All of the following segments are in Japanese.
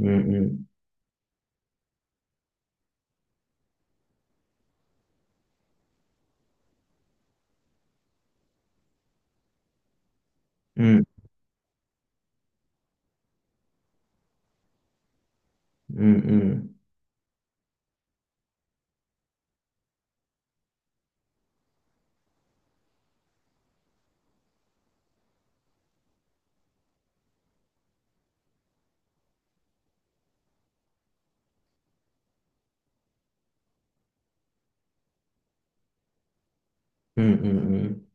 うんうん。うんうんうん。うんうんうん。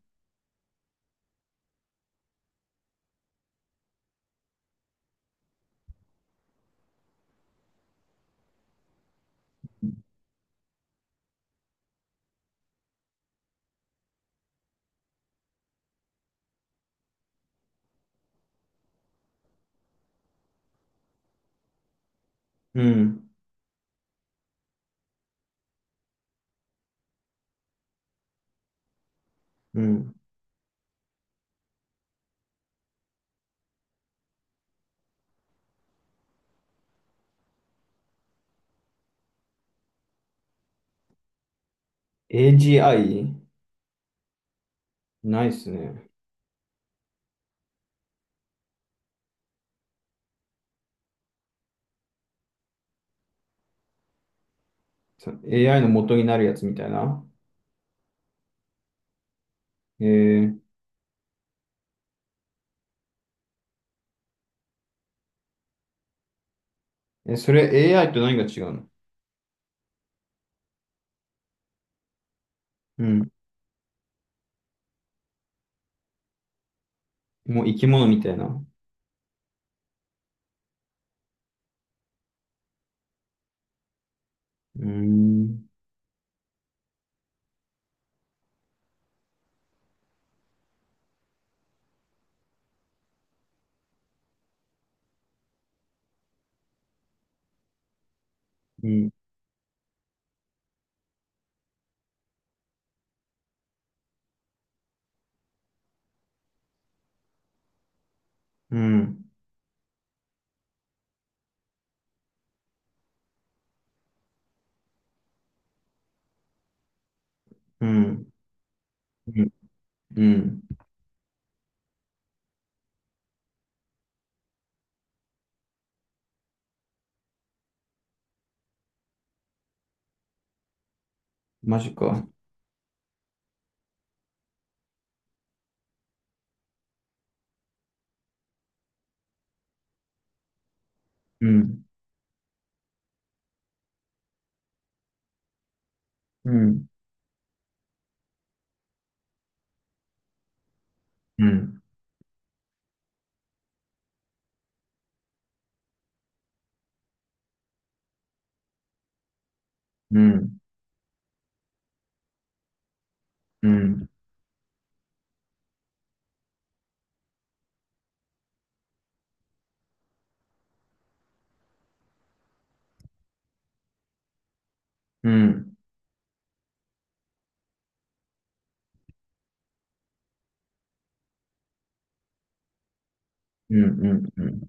うんうん。AGI？ ないっすね。AI の元になるやつみたいな。えそれ AI と何が違うの？うん。もう生き物みたいな。うーん。うん。うん。うん。うん。うん。マジか。うん。うん。うん。うん。うん。うん。うん。うん。うん。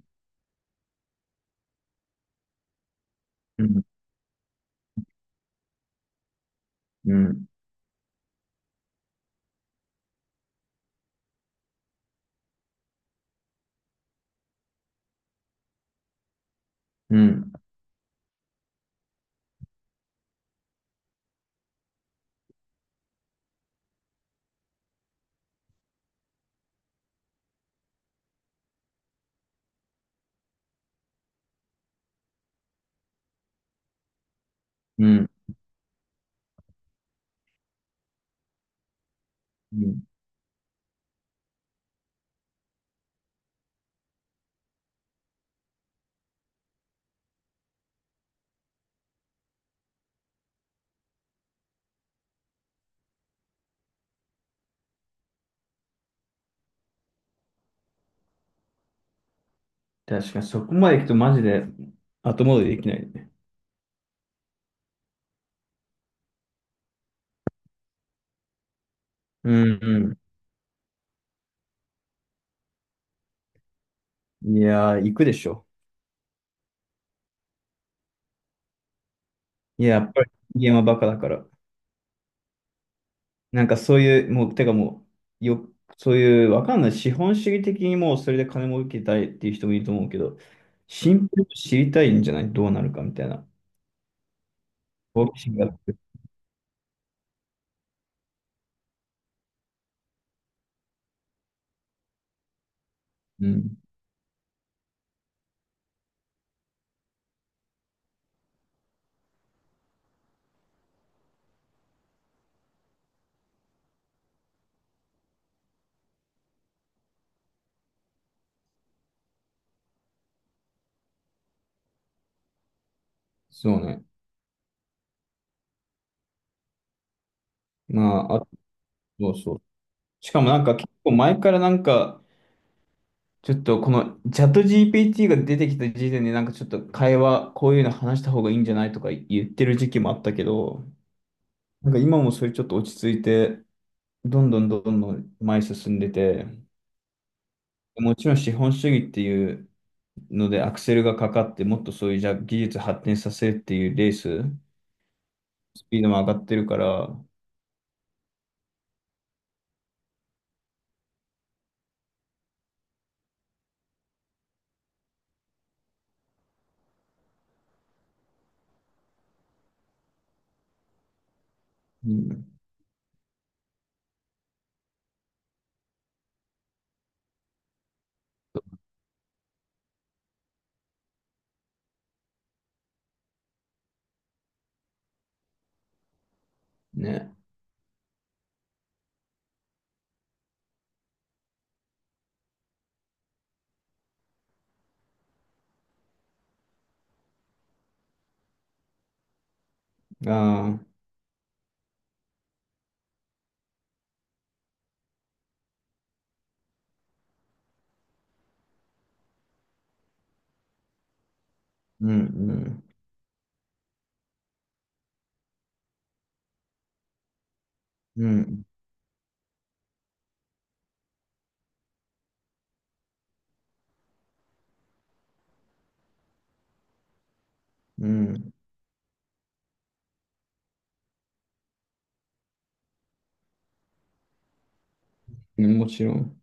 うん。うん。うん。うん。うん。確かに、そこまで行くとマジで後戻りできないね。うんうん。いやー、行くでしょ。いや、やっぱり人間はバカだから。なんかそういう、もう、てかもう、よ、そういう、わかんない。資本主義的にもうそれで金儲けたいっていう人もいると思うけど、シンプルに知りたいんじゃない？どうなるかみたいな。好奇心があって。うん。そうね。まあ、あ、そうそう。しかもなんか結構前からなんか、ちょっとこのチャット GPT が出てきた時点でなんかちょっと会話こういうの話した方がいいんじゃない、とか言ってる時期もあったけど、なんか今もそれちょっと落ち着いて、どんどんどんどん前に進んでて、もちろん資本主義っていうのでアクセルがかかってもっとそういうじゃあ技術発展させるっていうレース、スピードも上がってるから、うん、ね、ああ、うん、うん、うん、うん、もちろん。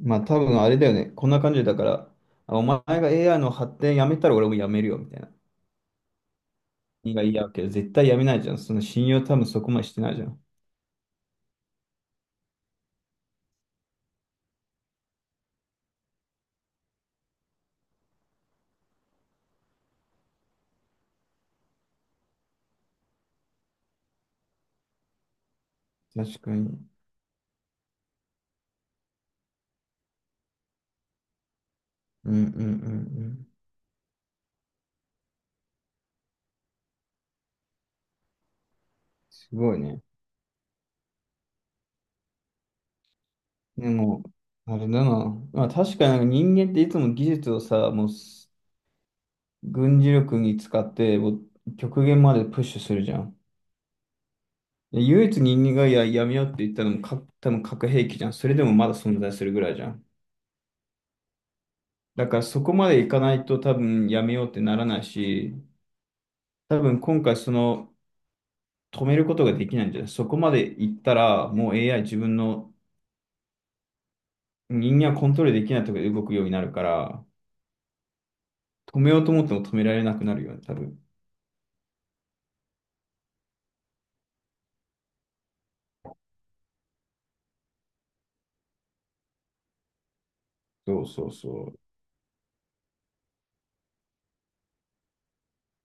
まあ多分あれだよね。こんな感じだから、あお前が AI の発展やめたら俺もやめるよみたいな。君が嫌うけど、絶対やめないじゃん。その信用多分そこまでしてないじゃん。確かに。うんうんうんうん。すごいね。でも、あれだな。まあ確かになんか人間っていつも技術をさ、もう軍事力に使って、もう極限までプッシュするじゃん。で唯一人間がやめようって言ったのもか、多分核兵器じゃん。それでもまだ存在するぐらいじゃん。だからそこまでいかないと多分やめようってならないし、多分今回その止めることができないんじゃない？そこまでいったらもう AI 自分の人間はコントロールできないところで動くようになるから、止めようと思っても止められなくなるよね、多分。そうそうそう。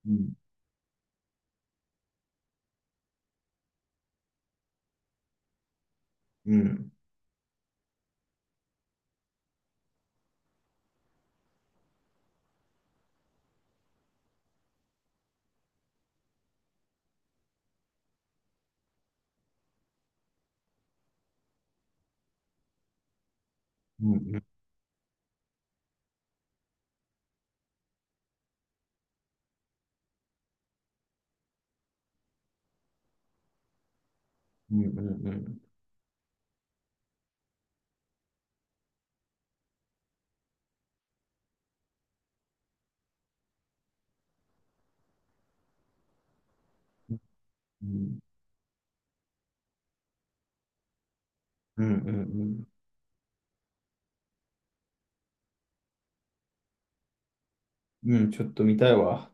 うん。うん。うん。うん。うん。うん。うん。うん。うん。うん、ちょっと見たいわ。